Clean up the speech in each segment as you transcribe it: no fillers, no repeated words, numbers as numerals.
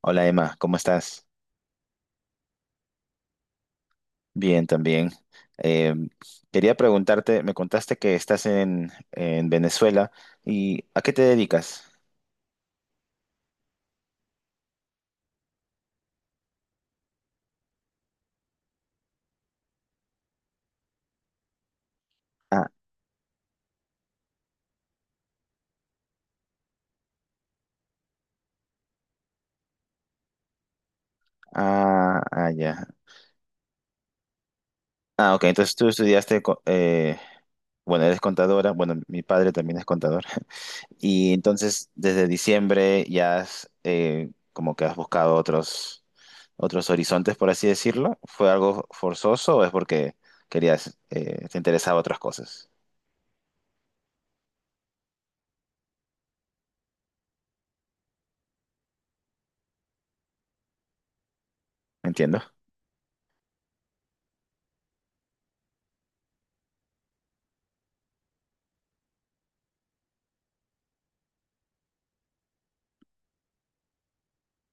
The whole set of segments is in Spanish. Hola Emma, ¿cómo estás? Bien, también. Eh, quería preguntarte, me contaste que estás en Venezuela y ¿a qué te dedicas? Ah, ah, ah, ya. Ah, ok, entonces tú estudiaste, bueno, eres contadora, bueno, mi padre también es contador. Y entonces desde diciembre ya has, como que has buscado otros, otros horizontes, por así decirlo. ¿Fue algo forzoso o es porque querías, te interesaba otras cosas? Entiendo.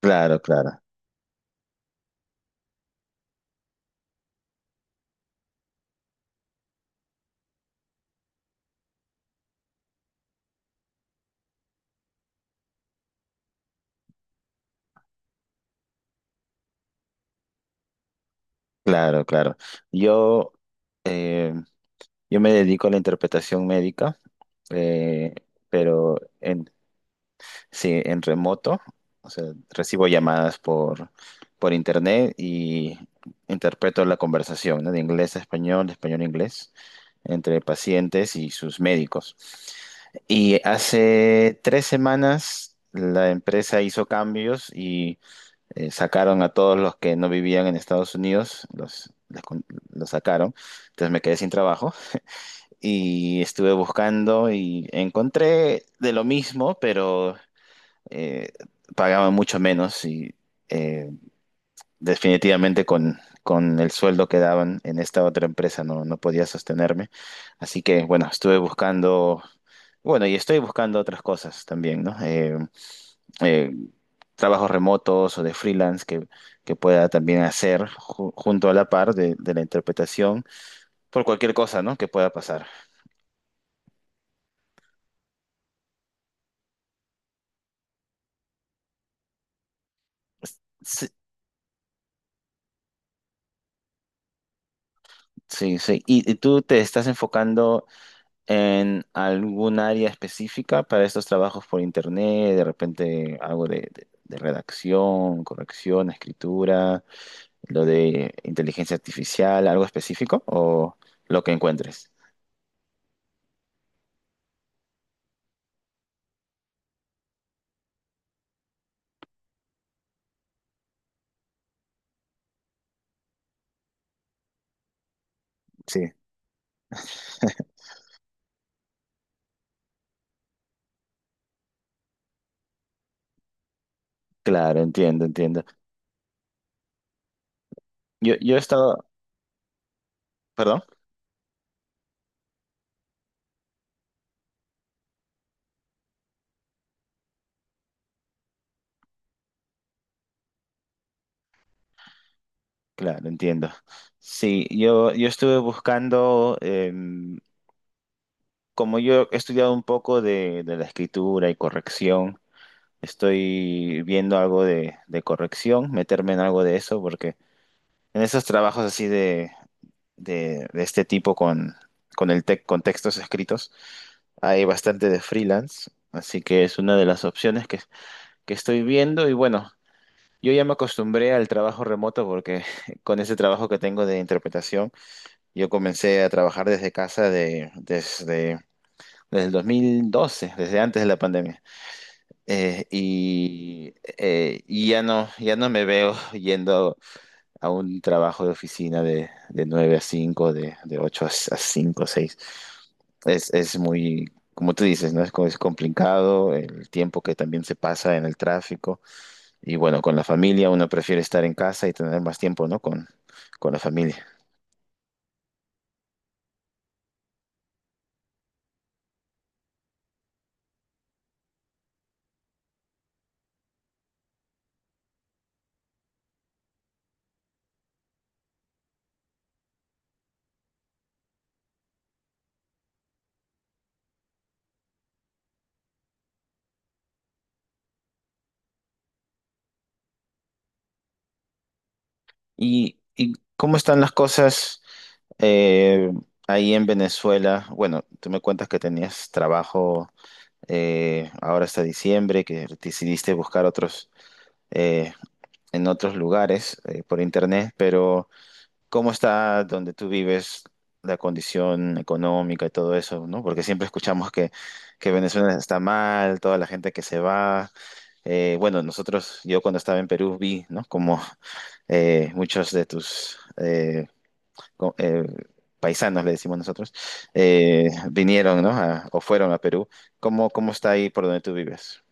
Claro, claro, claro, claro. Yo, eh, yo me dedico a la interpretación médica, eh, pero en, sí, en remoto. O sea, recibo llamadas por internet y interpreto la conversación, ¿no? De inglés a español, de español a inglés, entre pacientes y sus médicos. Y hace tres semanas la empresa hizo cambios y sacaron a todos los que no vivían en Estados Unidos, los sacaron. Entonces me quedé sin trabajo y estuve buscando y encontré de lo mismo, pero eh, pagaban mucho menos y eh, definitivamente con el sueldo que daban en esta otra empresa no podía sostenerme. Así que bueno, estuve buscando, bueno, y estoy buscando otras cosas también, ¿no? Eh, trabajos remotos o de freelance que pueda también hacer junto a la par de la interpretación por cualquier cosa, ¿no? que pueda pasar. Sí, sí, sí. Y tú te estás enfocando en algún área específica para estos trabajos por internet? De repente algo de redacción, corrección, escritura, lo de inteligencia artificial, algo específico o lo que encuentres. Sí. Claro, entiendo, entiendo. Yo, yo he estado, Perdón, claro, entiendo. Sí, yo estuve buscando, como yo he estudiado un poco de la escritura y corrección, estoy viendo algo de corrección, meterme en algo de eso, porque en esos trabajos así de este tipo con textos escritos, hay bastante de freelance, así que es una de las opciones que estoy viendo y bueno, yo ya me acostumbré al trabajo remoto porque con ese trabajo que tengo de interpretación, yo comencé a trabajar desde desde el 2012, desde antes de la pandemia. Y ya no, ya no me veo yendo a un trabajo de oficina de 9 a cinco, de 8 a cinco o seis. Es muy, como tú dices, ¿no? Es, es complicado el tiempo que también se pasa en el tráfico. Y bueno, con la familia uno prefiere estar en casa y tener más tiempo, ¿no? Con la familia. Y cómo están las cosas eh, ahí en Venezuela? Bueno, tú me cuentas que tenías trabajo ahora hasta diciembre, que decidiste buscar otros eh, en otros lugares por internet, pero ¿cómo está donde tú vives la condición económica y todo eso, ¿no? Porque siempre escuchamos que Venezuela está mal, toda la gente que se va. Bueno, nosotros, yo cuando estaba en Perú vi, ¿no? Como muchos de tus co- eh, paisanos, le decimos nosotros, vinieron, ¿no? O fueron a Perú. ¿Cómo, cómo está ahí por donde tú vives?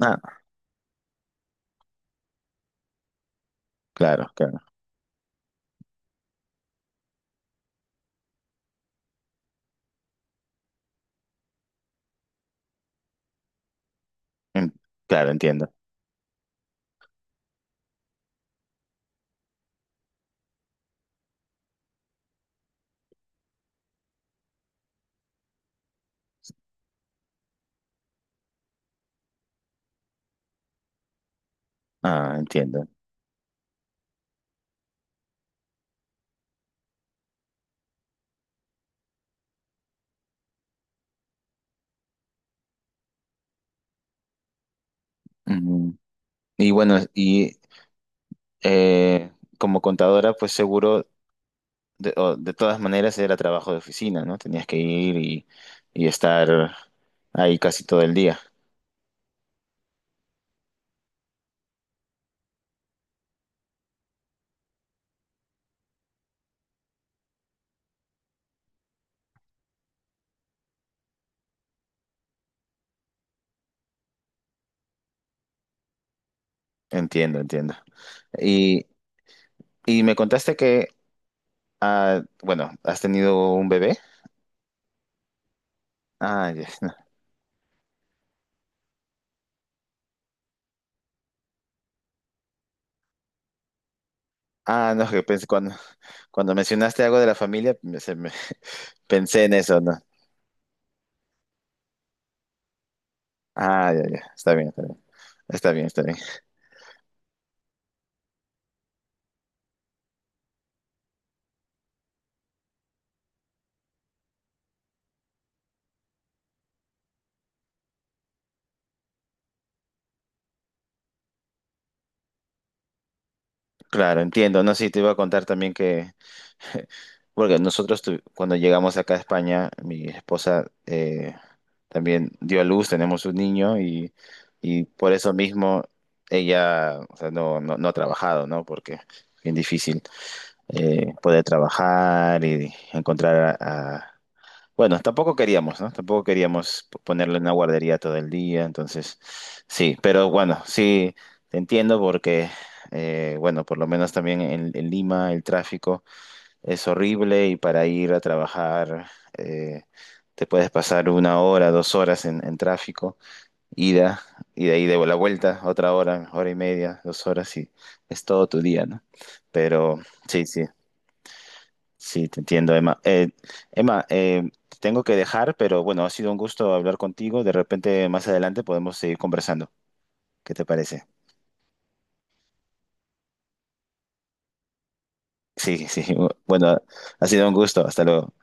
Ah, claro, claro. En- claro, entiendo. Ah, entiendo. Ujú. Y bueno, y eh, como contadora, pues seguro, de, o de todas maneras era trabajo de oficina, ¿no? Tenías que ir y estar ahí casi todo el día. Entiendo, entiendo. Y, y me contaste que, ah, bueno, has tenido un bebé. Ah, ya. No. Ah, no, que pensé, cuando, cuando mencionaste algo de la familia, pensé en eso, ¿no? Ah, ya, ya. Está bien, está bien. Está bien, está bien. Claro, entiendo. No, sí, te iba a contar también que porque nosotros cuando llegamos acá a España, mi esposa también dio a luz, tenemos un niño y por eso mismo ella o sea, no, no, no ha trabajado, ¿no? Porque es bien difícil poder trabajar y encontrar a- Bueno, tampoco queríamos, ¿no? Tampoco queríamos ponerle en una guardería todo el día, entonces sí, pero bueno, sí, te entiendo porque, bueno, por lo menos también en Lima el tráfico es horrible y para ir a trabajar eh, te puedes pasar una hora, dos horas en tráfico, ida, y de ahí de la vuelta, otra hora, hora y media, dos horas y es todo tu día, ¿no? Pero sí, sí, sí, te entiendo, Emma. Emma, te tengo que dejar, pero bueno, ha sido un gusto hablar contigo. De repente más adelante podemos seguir conversando. ¿Qué te parece? Sí, sí, bueno, ha sido un gusto. Hasta luego.